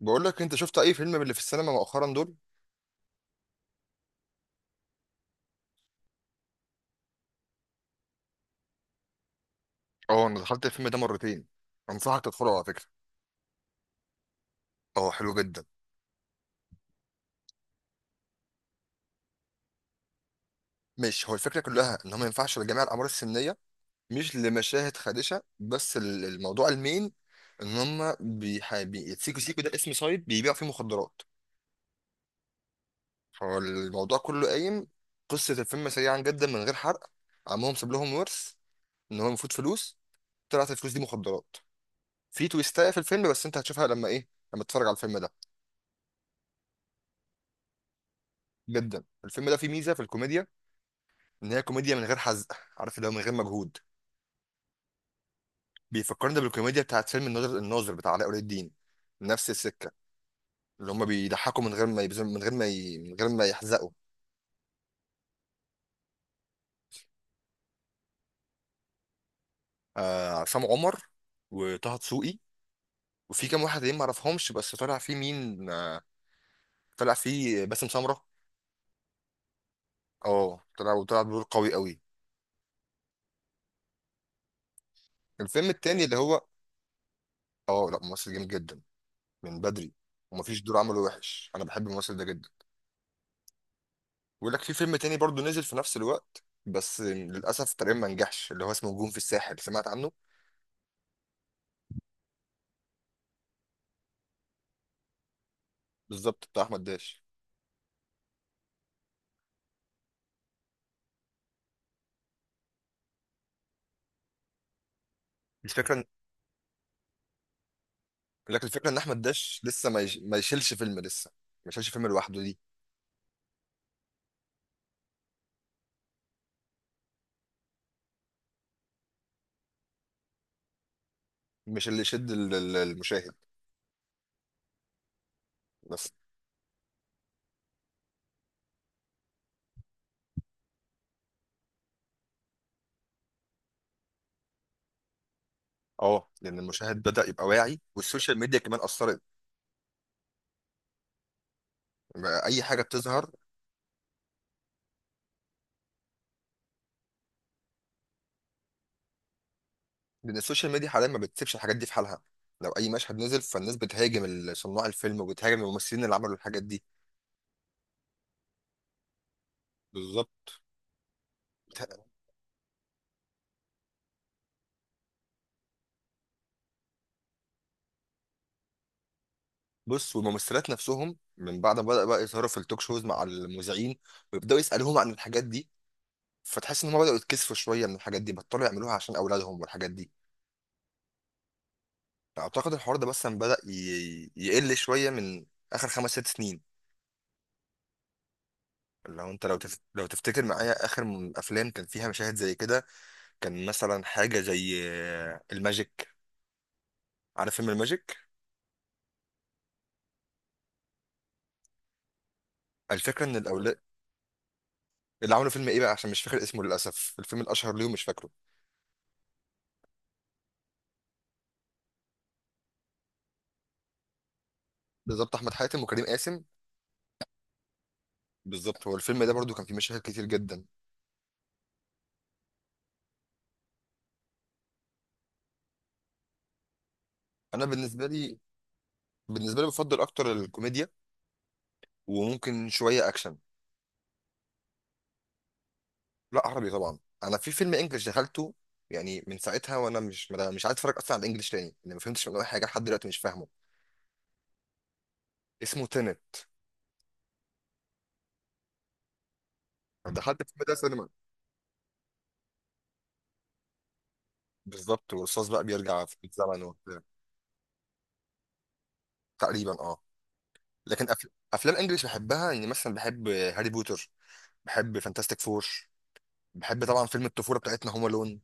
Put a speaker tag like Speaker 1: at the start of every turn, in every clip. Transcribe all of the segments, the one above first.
Speaker 1: بقول لك انت شفت اي فيلم من اللي في السينما مؤخرا دول؟ اه انا دخلت الفيلم ده مرتين. انصحك تدخله على فكره. اه حلو جدا. مش هو الفكره كلها ان هو ما ينفعش لجميع الاعمار السنيه؟ مش لمشاهد خادشه، بس الموضوع المين، ان هم سيكو سيكو ده اسم سايب بيبيع فيه مخدرات. فالموضوع كله قايم. قصه الفيلم سريعا جدا من غير حرق: عمهم ساب لهم ورث، ان هو المفروض فلوس، طلعت الفلوس دي مخدرات. في تويستايه في الفيلم بس انت هتشوفها لما ايه، لما تتفرج على الفيلم ده. جدا الفيلم ده فيه ميزه في الكوميديا، ان هي كوميديا من غير حزق، عارف اللي هو، من غير مجهود. بيفكرني بالكوميديا بتاعت فيلم الناظر بتاع علاء ولي الدين، نفس السكه. اللي هم بيضحكوا من غير ما يبذلوا، من غير ما من غير ما يحزقوا. عصام عمر، وطه دسوقي، وفي كام واحد تانيين ما اعرفهمش، بس طلع فيه مين؟ طلع فيه باسم سمره. اه، طلع وطلع بدور قوي قوي. الفيلم التاني اللي هو. اه لا، ممثل جامد جدا، من بدري، ومفيش دور عمله وحش، انا بحب الممثل ده جدا. بيقول لك في فيلم تاني برضو نزل في نفس الوقت، بس للاسف تقريبا ما نجحش، اللي هو اسمه نجوم في الساحل، سمعت عنه؟ بالظبط، بتاع احمد داش. الفكره إن- لكن الفكره ان احمد داش لسه ما يشيلش فيلم لسه، ما يشيلش فيلم لوحده دي. مش اللي يشد المشاهد. بس اه، لان المشاهد بدا يبقى واعي، والسوشيال ميديا كمان اثرت، بقى اي حاجه بتظهر، لان السوشيال ميديا حاليا ما بتسيبش الحاجات دي في حالها، لو اي مشهد نزل فالناس بتهاجم صناع الفيلم وبتهاجم الممثلين اللي عملوا الحاجات دي. بالظبط. بص، والممثلات نفسهم من بعد ما بدأ بقى يظهروا في التوك شوز مع المذيعين ويبدأوا يسألوهم عن الحاجات دي، فتحس ان هم بدأوا يتكسفوا شوية من الحاجات دي، بطلوا يعملوها عشان أولادهم والحاجات دي. أعتقد الحوار ده مثلا بدأ يقل شوية من آخر خمس ست سنين. لو انت لو تفتكر معايا آخر أفلام كان فيها مشاهد زي كده، كان مثلا حاجة زي الماجيك. عارف فيلم الماجيك؟ الفكرة ان الأولاد اللي عملوا فيلم ايه بقى، عشان مش فاكر اسمه للأسف، الفيلم الأشهر ليهم مش فاكره. بالظبط، أحمد حاتم وكريم قاسم. بالظبط، هو الفيلم ده برضو كان فيه مشاهد كتير جدا. انا بالنسبه لي بفضل اكتر الكوميديا، وممكن شويه اكشن. لا عربي طبعا، انا في فيلم انجلش دخلته، يعني من ساعتها وانا مش عايز اتفرج اصلا على الانجليش تاني، لان ما فهمتش منه اي حاجه، لحد دلوقتي مش فاهمه. اسمه تينت، دخلت الفيلم ده سينما. بالظبط، والرصاص بقى بيرجع في الزمن وبتاع. تقريبا اه. لكن أف... افلام انجلش بحبها، يعني مثلا بحب هاري بوتر، بحب فانتاستيك فور، بحب طبعا فيلم الطفوله بتاعتنا هوم الون،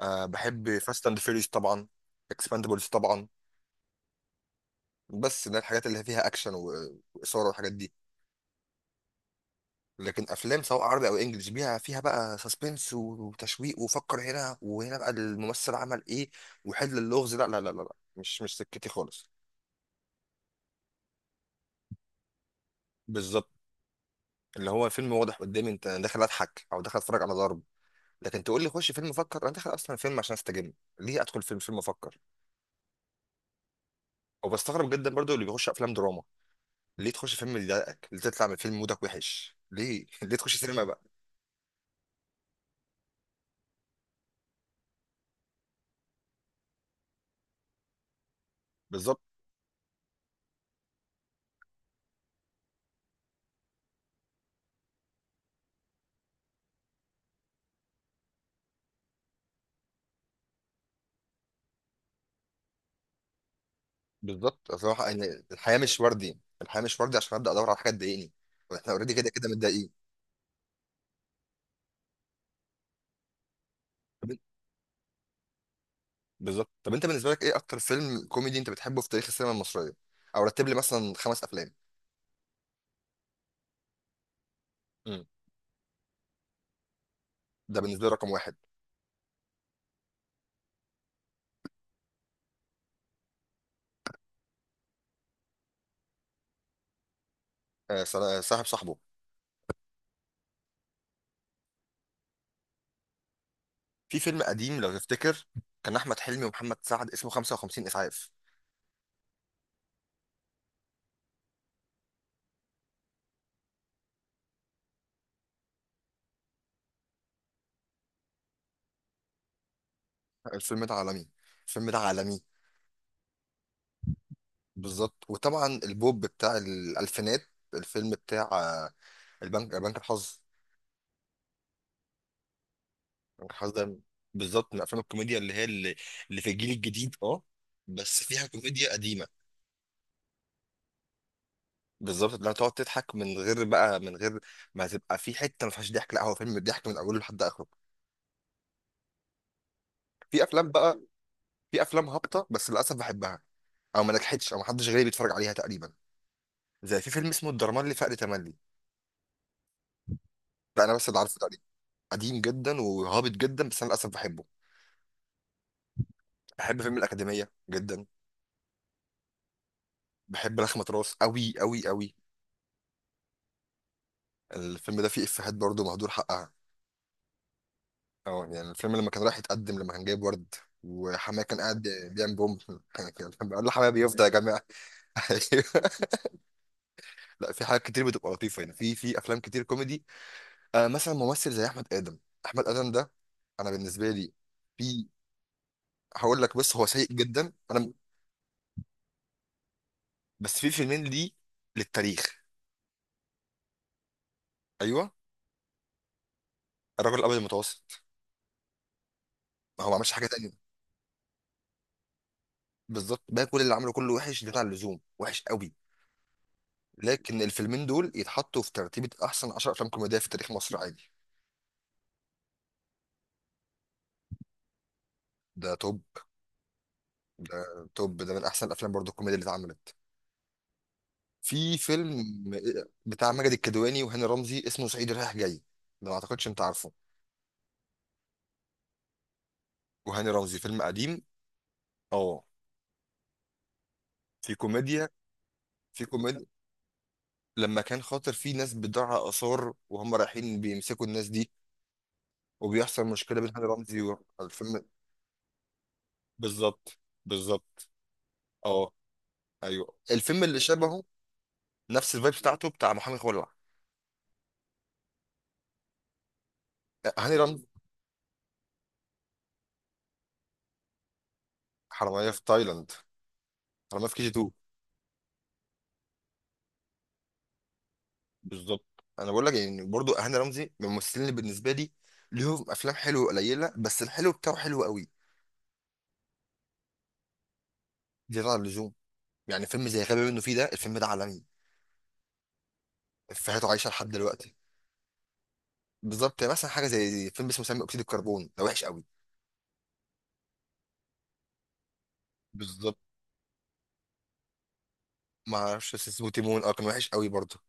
Speaker 1: بحب فاست اند فيريوس طبعا، اكسباندبلز طبعا. بس ده الحاجات اللي فيها اكشن واثاره والحاجات دي. لكن افلام سواء عربي او انجلش بيها فيها بقى سسبنس وتشويق، وفكر هنا وهنا بقى الممثل عمل ايه وحل اللغز. لا لا لا لا لا. مش سكتي خالص. بالظبط، اللي هو فيلم واضح قدامي، انت داخل اضحك او داخل اتفرج على ضرب، لكن تقول لي خش فيلم افكر، انا داخل اصلا فيلم عشان استجم، ليه ادخل فيلم افكر؟ وبستغرب جدا برضو اللي بيخش افلام دراما، ليه تخش فيلم يضايقك؟ ليه تطلع من فيلم مودك وحش؟ ليه ليه تخش سينما بقى؟ بالظبط. بالظبط، صراحه يعني، الحياه مش وردي عشان ابدا ادور على حاجه تضايقني، واحنا اوريدي كده كده متضايقين. طب إنت- بالظبط، طب انت بالنسبه لك ايه اكتر فيلم كوميدي انت بتحبه في تاريخ السينما المصريه؟ او رتب لي مثلا خمس افلام. مم. ده بالنسبه لي رقم واحد. صاحب صاحبه. في فيلم قديم لو تفتكر، كان احمد حلمي ومحمد سعد اسمه 55 اسعاف. الفيلم ده عالمي، الفيلم ده عالمي. بالظبط، وطبعا البوب بتاع الالفينات، الفيلم بتاع آه، البنك بنك الحظ. بنك الحظ ده بالظبط من افلام الكوميديا اللي هي اللي في الجيل الجديد، اه بس فيها كوميديا قديمه. بالظبط، اللي هتقعد تضحك من غير ما تبقى في حته ما فيهاش ضحك، لا هو فيلم ضحك من اوله لحد اخره. في افلام بقى، في افلام هابطه بس للاسف بحبها، او ما نجحتش او ما حدش غيري بيتفرج عليها تقريبا، زي في فيلم اسمه الدرمان لفقر تملي، ده انا بس اللي عارفه تقريبا، قديم جدا وهابط جدا بس انا للاسف بحبه. بحب فيلم الأكاديمية جدا. بحب لخمة راس أوي أوي أوي. الفيلم ده فيه إفيهات برضه مهدور حقها، اه يعني الفيلم لما كان رايح يتقدم، لما كان جايب ورد وحماه كان قاعد بيعمل بوم كان كان بيقول له حماه، بيفضى يا جماعة. أيوه. لا، في حاجات كتير بتبقى لطيفة، يعني في أفلام كتير كوميدي، مثلا ممثل زي أحمد آدم. أحمد آدم ده، أنا بالنسبة لي في هقول لك، بس هو سيء جدا أنا. بس في فيلمين ليه للتاريخ. أيوه، الرجل الأبيض المتوسط. ما هو ما عملش حاجة تانية. بالظبط، بقى كل اللي عمله كله وحش، زيادة عن اللزوم وحش قوي، لكن الفيلمين دول يتحطوا في ترتيبة أحسن 10 أفلام كوميدية في تاريخ مصر عادي. ده توب، ده توب، ده من أحسن الأفلام برضه الكوميديا اللي اتعملت. في فيلم بتاع ماجد الكدواني وهاني رمزي اسمه صعيدي رايح جاي، ده ما أعتقدش أنت عارفه، وهاني رمزي فيلم قديم، أه، في كوميديا في كوميديا لما كان خاطر في ناس بتضيع آثار، وهم رايحين بيمسكوا الناس دي، وبيحصل مشكلة بين هاني رمزي والفيلم. بالظبط، بالظبط، اه، ايوه، الفيلم اللي شبهه نفس الفايب بتاعته بتاع محامي خلع. هاني رمزي، حراميه في تايلاند، حراميه في كي جي 2. بالظبط، انا بقول لك يعني برضو هاني رمزي من الممثلين اللي بالنسبه لي ليهم افلام حلوه قليله، بس الحلو بتاعه حلو قوي زياده عن اللزوم. يعني فيلم زي غبي منه فيه، ده الفيلم ده عالمي، افيهاته عايشه لحد دلوقتي. بالظبط، يعني مثلا حاجه زي فيلم اسمه ثاني اكسيد الكربون ده وحش قوي. بالظبط، ما اعرفش بس اسمه تيمون، اه، كان وحش قوي برضه.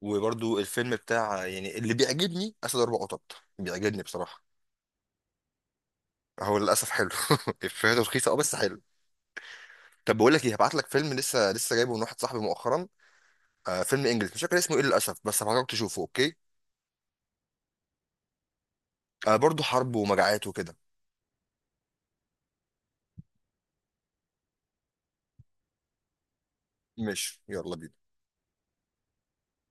Speaker 1: وبرضه الفيلم بتاع يعني اللي بيعجبني اسد اربع قطط، بيعجبني بصراحه، هو للاسف حلو. افيهاته رخيصه اه، بس حلو. طب بقول لك ايه، هبعت لك فيلم لسه لسه جايبه من واحد صاحبي مؤخرا، فيلم انجلش مش فاكر اسمه ايه للاسف، بس هبعتك تشوفه، اوكي؟ برضه حرب ومجاعات وكده. ماشي، يلا بينا.